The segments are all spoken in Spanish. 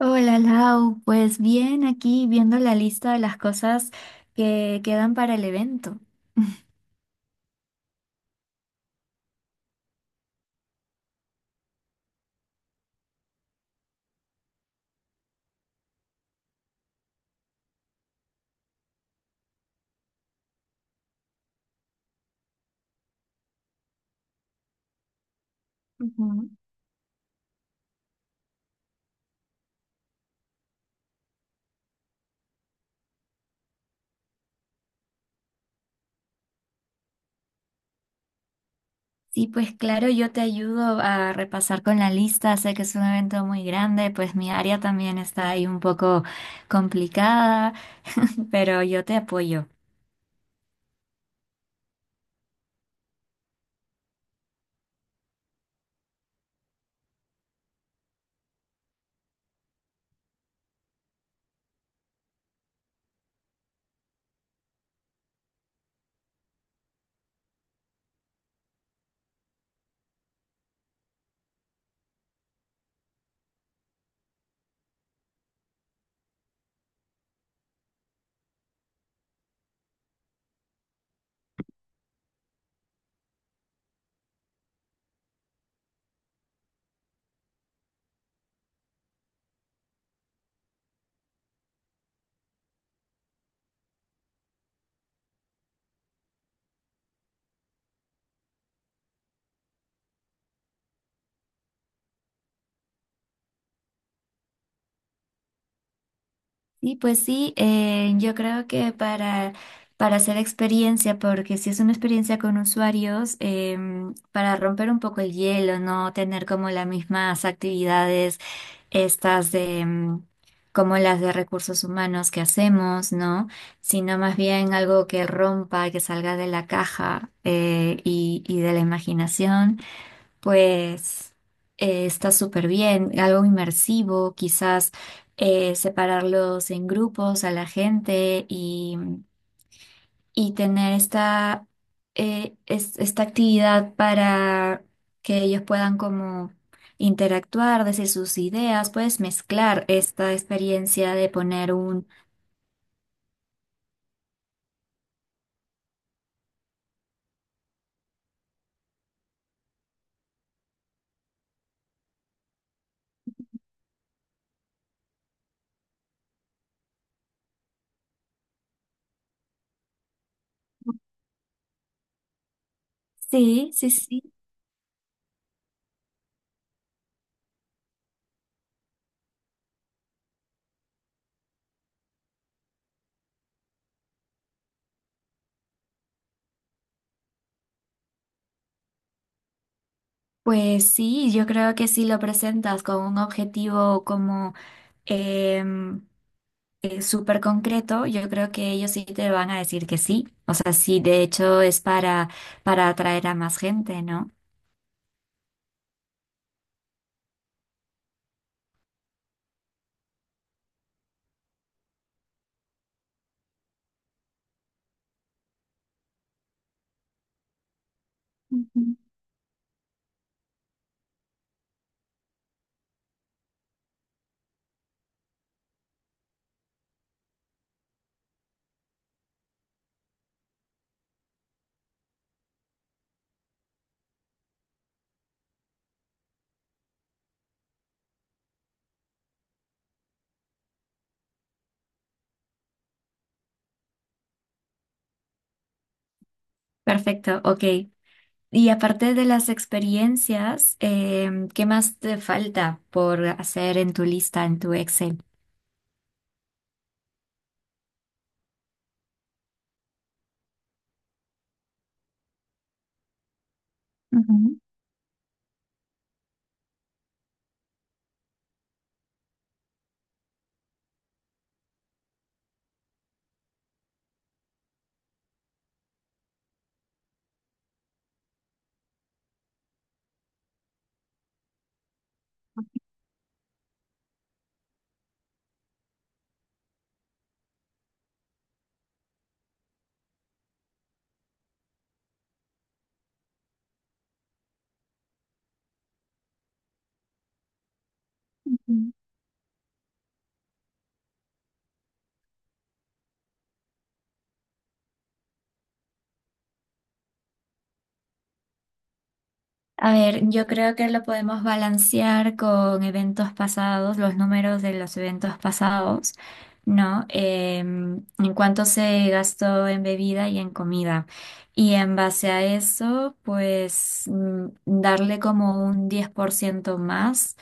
Hola Lau, pues bien aquí viendo la lista de las cosas que quedan para el evento. Ujú. Sí, pues claro, yo te ayudo a repasar con la lista, sé que es un evento muy grande, pues mi área también está ahí un poco complicada, pero yo te apoyo. Sí, pues sí, yo creo que para hacer experiencia, porque si es una experiencia con usuarios, para romper un poco el hielo, no tener como las mismas actividades estas de como las de recursos humanos que hacemos, ¿no? Sino más bien algo que rompa, que salga de la caja y de la imaginación, pues está súper bien, algo inmersivo, quizás separarlos en grupos a la gente y tener esta actividad para que ellos puedan como interactuar, decir sus ideas, puedes mezclar esta experiencia de poner un... Sí, sí, sí. Pues sí, yo creo que si lo presentas con un objetivo como em, súper concreto, yo creo que ellos sí te van a decir que sí. O sea, sí, de hecho es para atraer a más gente, ¿no? Ujú. Perfecto, ok. Y aparte de las experiencias, em, ¿qué más te falta por hacer en tu lista, en tu Excel? Ujú, ujú. A ver, yo creo que lo podemos balancear con eventos pasados, los números de los eventos pasados, ¿no? Em, en cuánto se gastó en bebida y en comida. Y en base a eso, pues mm, darle como un 10% más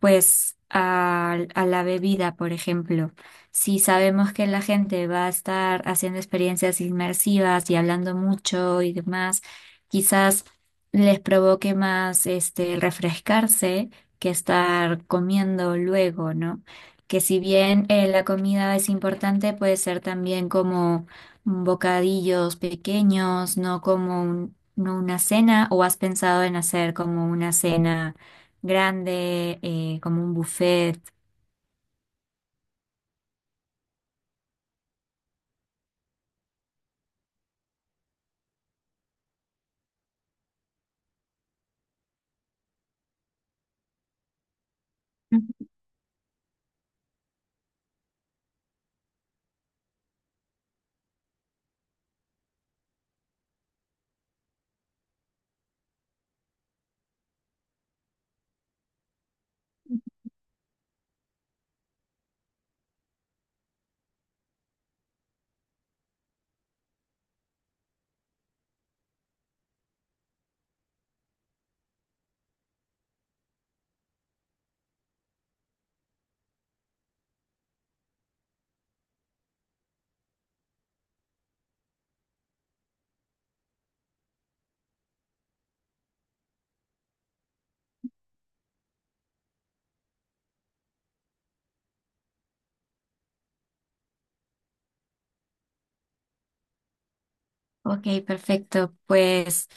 pues a la bebida, por ejemplo, si sabemos que la gente va a estar haciendo experiencias inmersivas y hablando mucho y demás, quizás les provoque más este refrescarse que estar comiendo luego, ¿no? Que si bien la comida es importante, puede ser también como bocadillos pequeños, no una cena, o has pensado en hacer como una cena grande, como un buffet. Ujú. Ok, perfecto.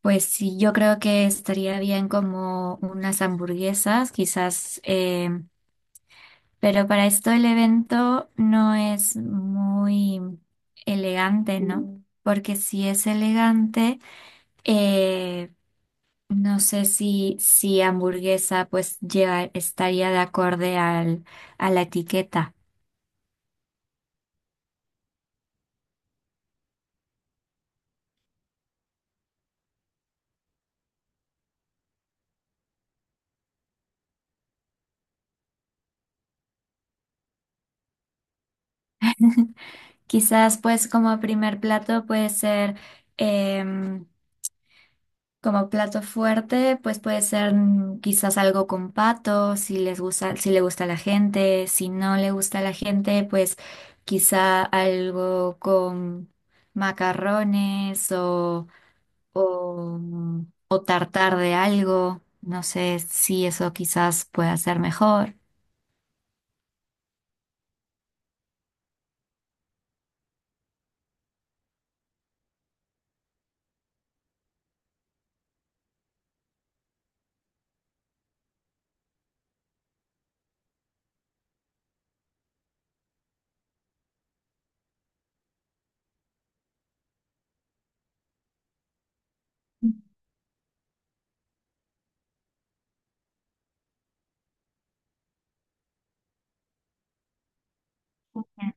Pues sí, yo creo que estaría bien como unas hamburguesas, quizás, pero para esto el evento no es muy elegante, ¿no? Mm. Porque si es elegante, eh, no sé si hamburguesa pues lleva, estaría de acorde a la etiqueta. Quizás pues como primer plato puede ser, em, como plato fuerte, pues puede ser mm, quizás algo con pato, si les gusta, si le gusta a la gente, si no le gusta a la gente, pues quizá algo con macarrones mm, o tartar de algo, no sé si eso quizás pueda ser mejor. Mm.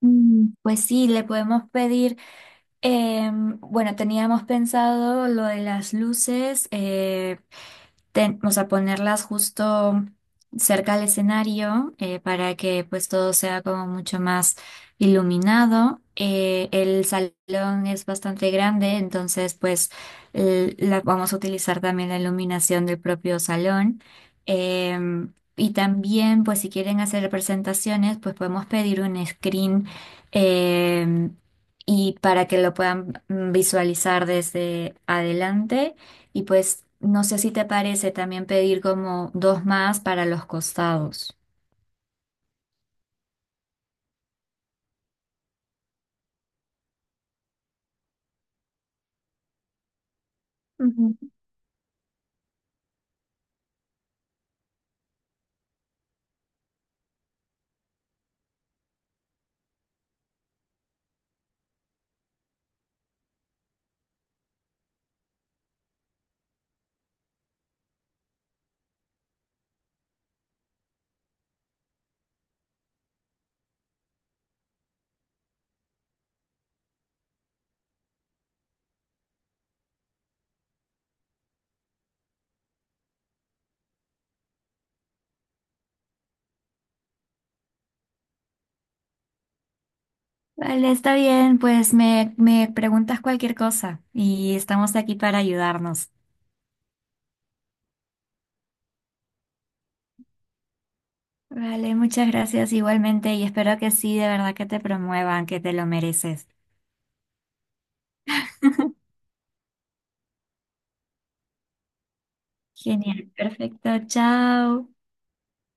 Mm, pues sí, le podemos pedir. Em, bueno, teníamos pensado lo de las luces, o sea, ponerlas justo cerca al escenario para que pues todo sea como mucho más iluminado. El salón es bastante grande, entonces pues vamos a utilizar también la iluminación del propio salón. Em, y también pues si quieren hacer presentaciones pues podemos pedir un screen em, y para que lo puedan mm, visualizar desde adelante. Y pues no sé si te parece también pedir como dos más para los costados. Ujú. Vale, está bien, pues me preguntas cualquier cosa y estamos aquí para ayudarnos. Vale, muchas gracias igualmente y espero que sí, de verdad que te promuevan, que te lo mereces. Genial, perfecto, chao.